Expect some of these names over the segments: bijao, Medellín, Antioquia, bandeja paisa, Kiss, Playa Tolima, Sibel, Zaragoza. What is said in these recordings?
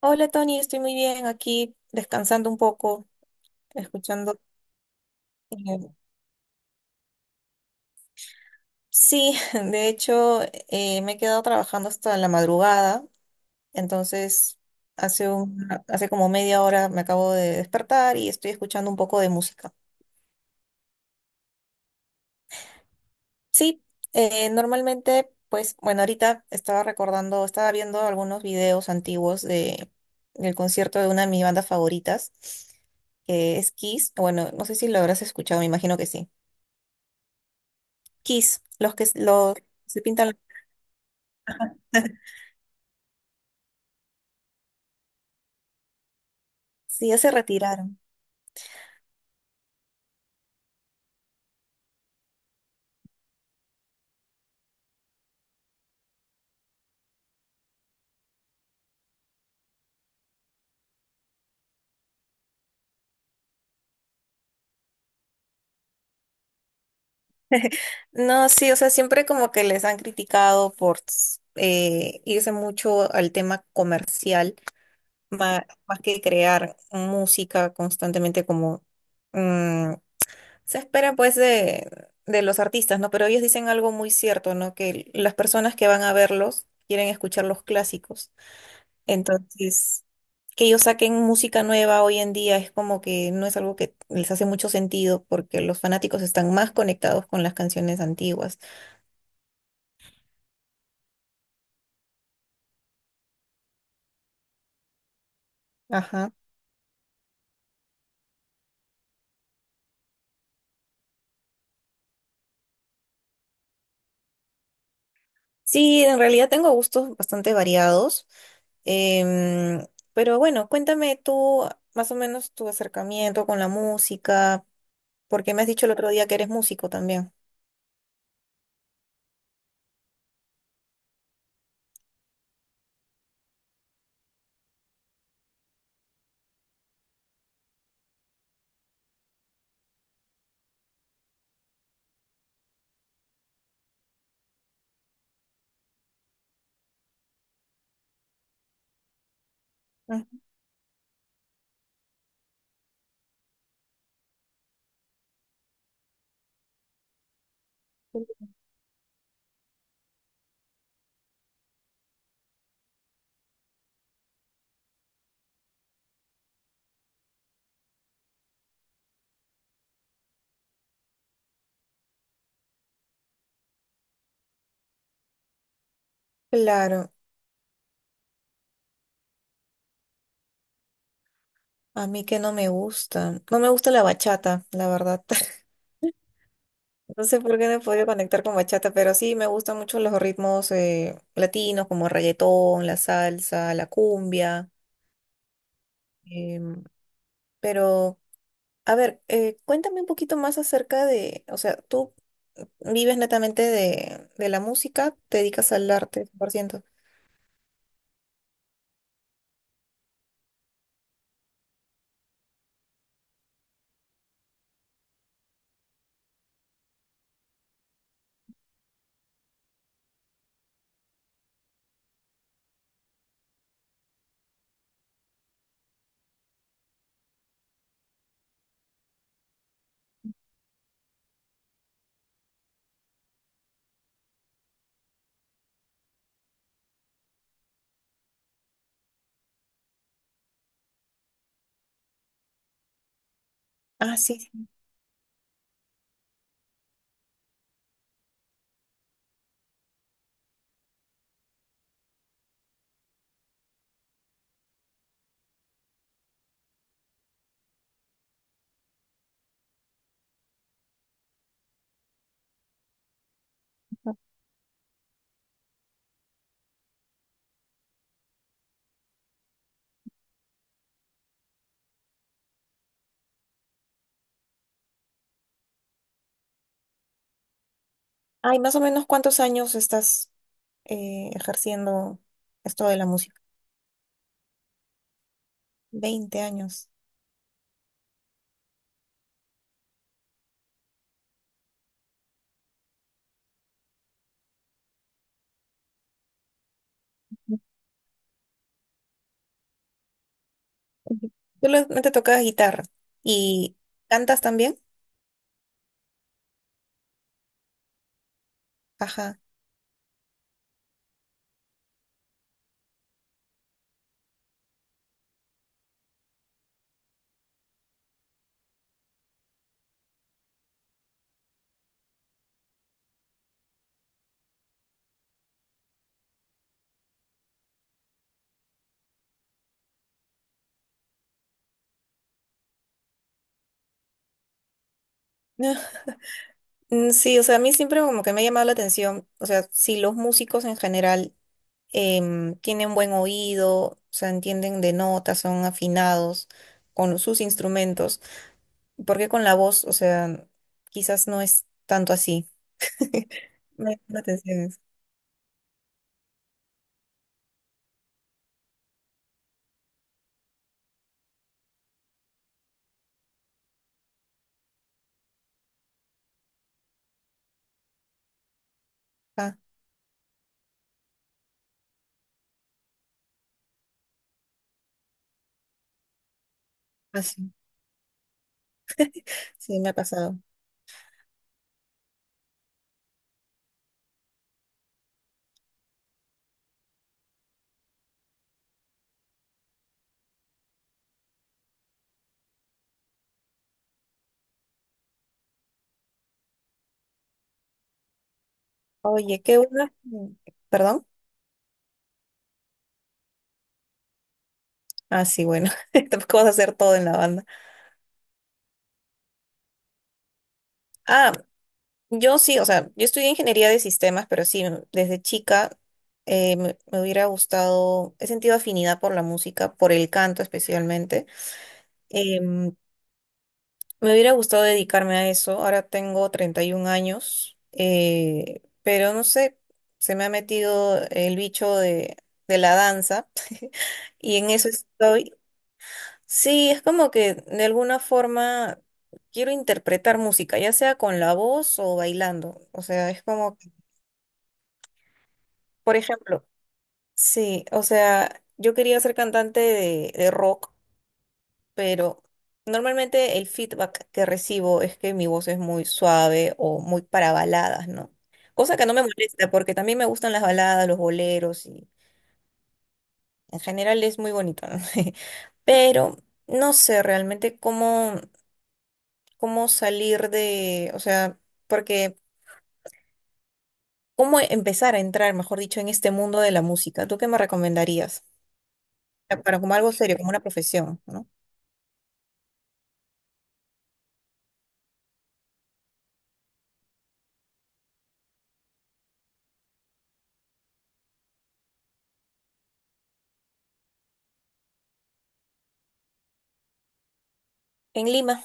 Hola Tony, estoy muy bien aquí descansando un poco, escuchando. eh, sí, de hecho me he quedado trabajando hasta la madrugada, entonces hace como media hora me acabo de despertar y estoy escuchando un poco de música. Sí, normalmente, pues bueno, ahorita estaba recordando, estaba viendo algunos videos antiguos del concierto de una de mis bandas favoritas, que es Kiss. Bueno, no sé si lo habrás escuchado, me imagino que sí. Kiss, se pintan los... Sí, ya se retiraron. No, sí, o sea, siempre como que les han criticado por irse mucho al tema comercial, más que crear música constantemente como mm, se espera pues de los artistas, ¿no? Pero ellos dicen algo muy cierto, ¿no? Que las personas que van a verlos quieren escuchar los clásicos. Entonces, que ellos saquen música nueva hoy en día es como que no es algo que les hace mucho sentido, porque los fanáticos están más conectados con las canciones antiguas. Ajá. Sí, en realidad tengo gustos bastante variados. em, pero bueno, cuéntame tú más o menos tu acercamiento con la música, porque me has dicho el otro día que eres músico también. Ujú. Claro, a mí que no me gusta, no me gusta la bachata, la verdad. No sé por qué no he podido conectar con bachata, pero sí me gustan mucho los ritmos latinos, como reggaetón, la salsa, la cumbia. em, pero, a ver, cuéntame un poquito más acerca de, o sea, tú vives netamente de la música, te dedicas al arte cien por ciento. Ah, sí. Sí. Ay, más o menos ¿cuántos años estás ejerciendo esto de la música? Veinte años. Ujú. ¿Solamente tocas guitarra y cantas también? Ajá. Mm, sí, o sea, a mí siempre como que me ha llamado la atención, o sea, si los músicos en general tienen buen oído, o sea, entienden de notas, son afinados con sus instrumentos, porque con la voz, o sea, ¿quizás no es tanto así? Me llama la atención eso. Ah, así, sí, sí, me ha pasado. Oye, qué bueno. ¿Perdón? Ah, sí, bueno, tampoco vas a hacer todo en la banda. Ah, yo sí, o sea, yo estudié ingeniería de sistemas, pero sí, desde chica me hubiera gustado, he sentido afinidad por la música, por el canto especialmente. Em, Me hubiera gustado dedicarme a eso. Ahora tengo 31 años, pero no sé, se me ha metido el bicho de la danza y en eso estoy. Sí, es como que de alguna forma quiero interpretar música, ya sea con la voz o bailando. O sea, es como... Por ejemplo, sí, o sea, yo quería ser cantante de rock, pero normalmente el feedback que recibo es que mi voz es muy suave o muy para baladas, ¿no? Cosa que no me molesta, porque también me gustan las baladas, los boleros, y en general es muy bonito, ¿no? Pero no sé realmente cómo, salir de, o sea, porque cómo empezar a entrar, mejor dicho, en este mundo de la música. ¿Tú qué me recomendarías? Para como algo serio, como una profesión, ¿no? En Lima.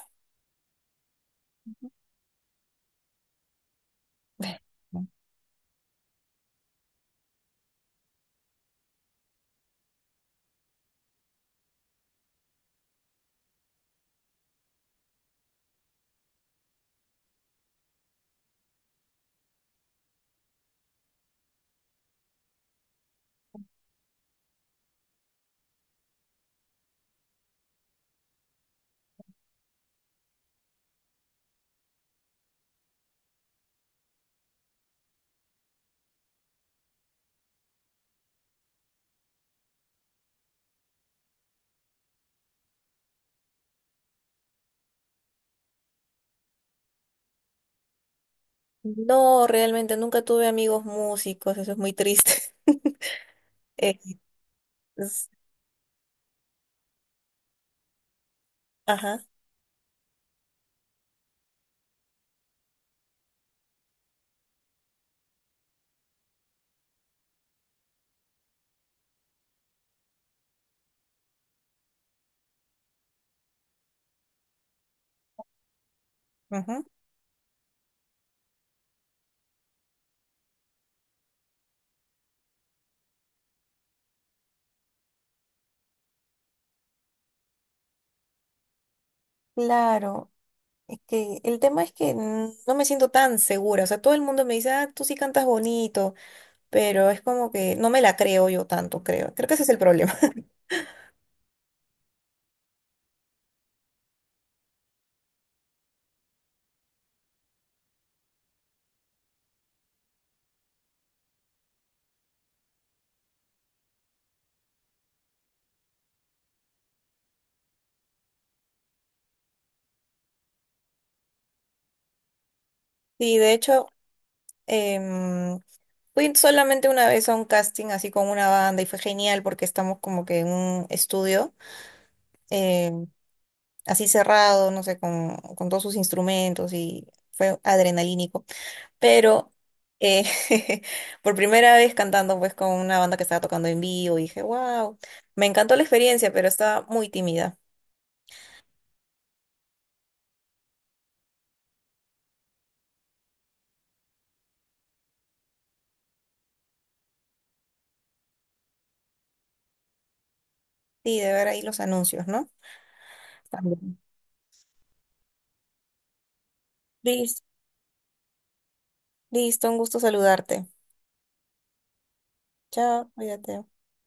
No, realmente nunca tuve amigos músicos, eso es muy triste. Eh, es- ajá, ujú. Claro, es que el tema es que no me siento tan segura, o sea, todo el mundo me dice, ah, tú sí cantas bonito, pero es como que no me la creo yo tanto, creo. Creo que ese es el problema. Sí, de hecho, em, fui solamente una vez a un casting así con una banda y fue genial, porque estamos como que en un estudio. em, Así cerrado, no sé, con todos sus instrumentos, y fue adrenalínico. Pero eh, por primera vez cantando pues con una banda que estaba tocando en vivo, y dije, wow, me encantó la experiencia, pero estaba muy tímida. Sí, de ver ahí los anuncios, ¿no? También. Listo, listo, un gusto saludarte. Chao, cuídate.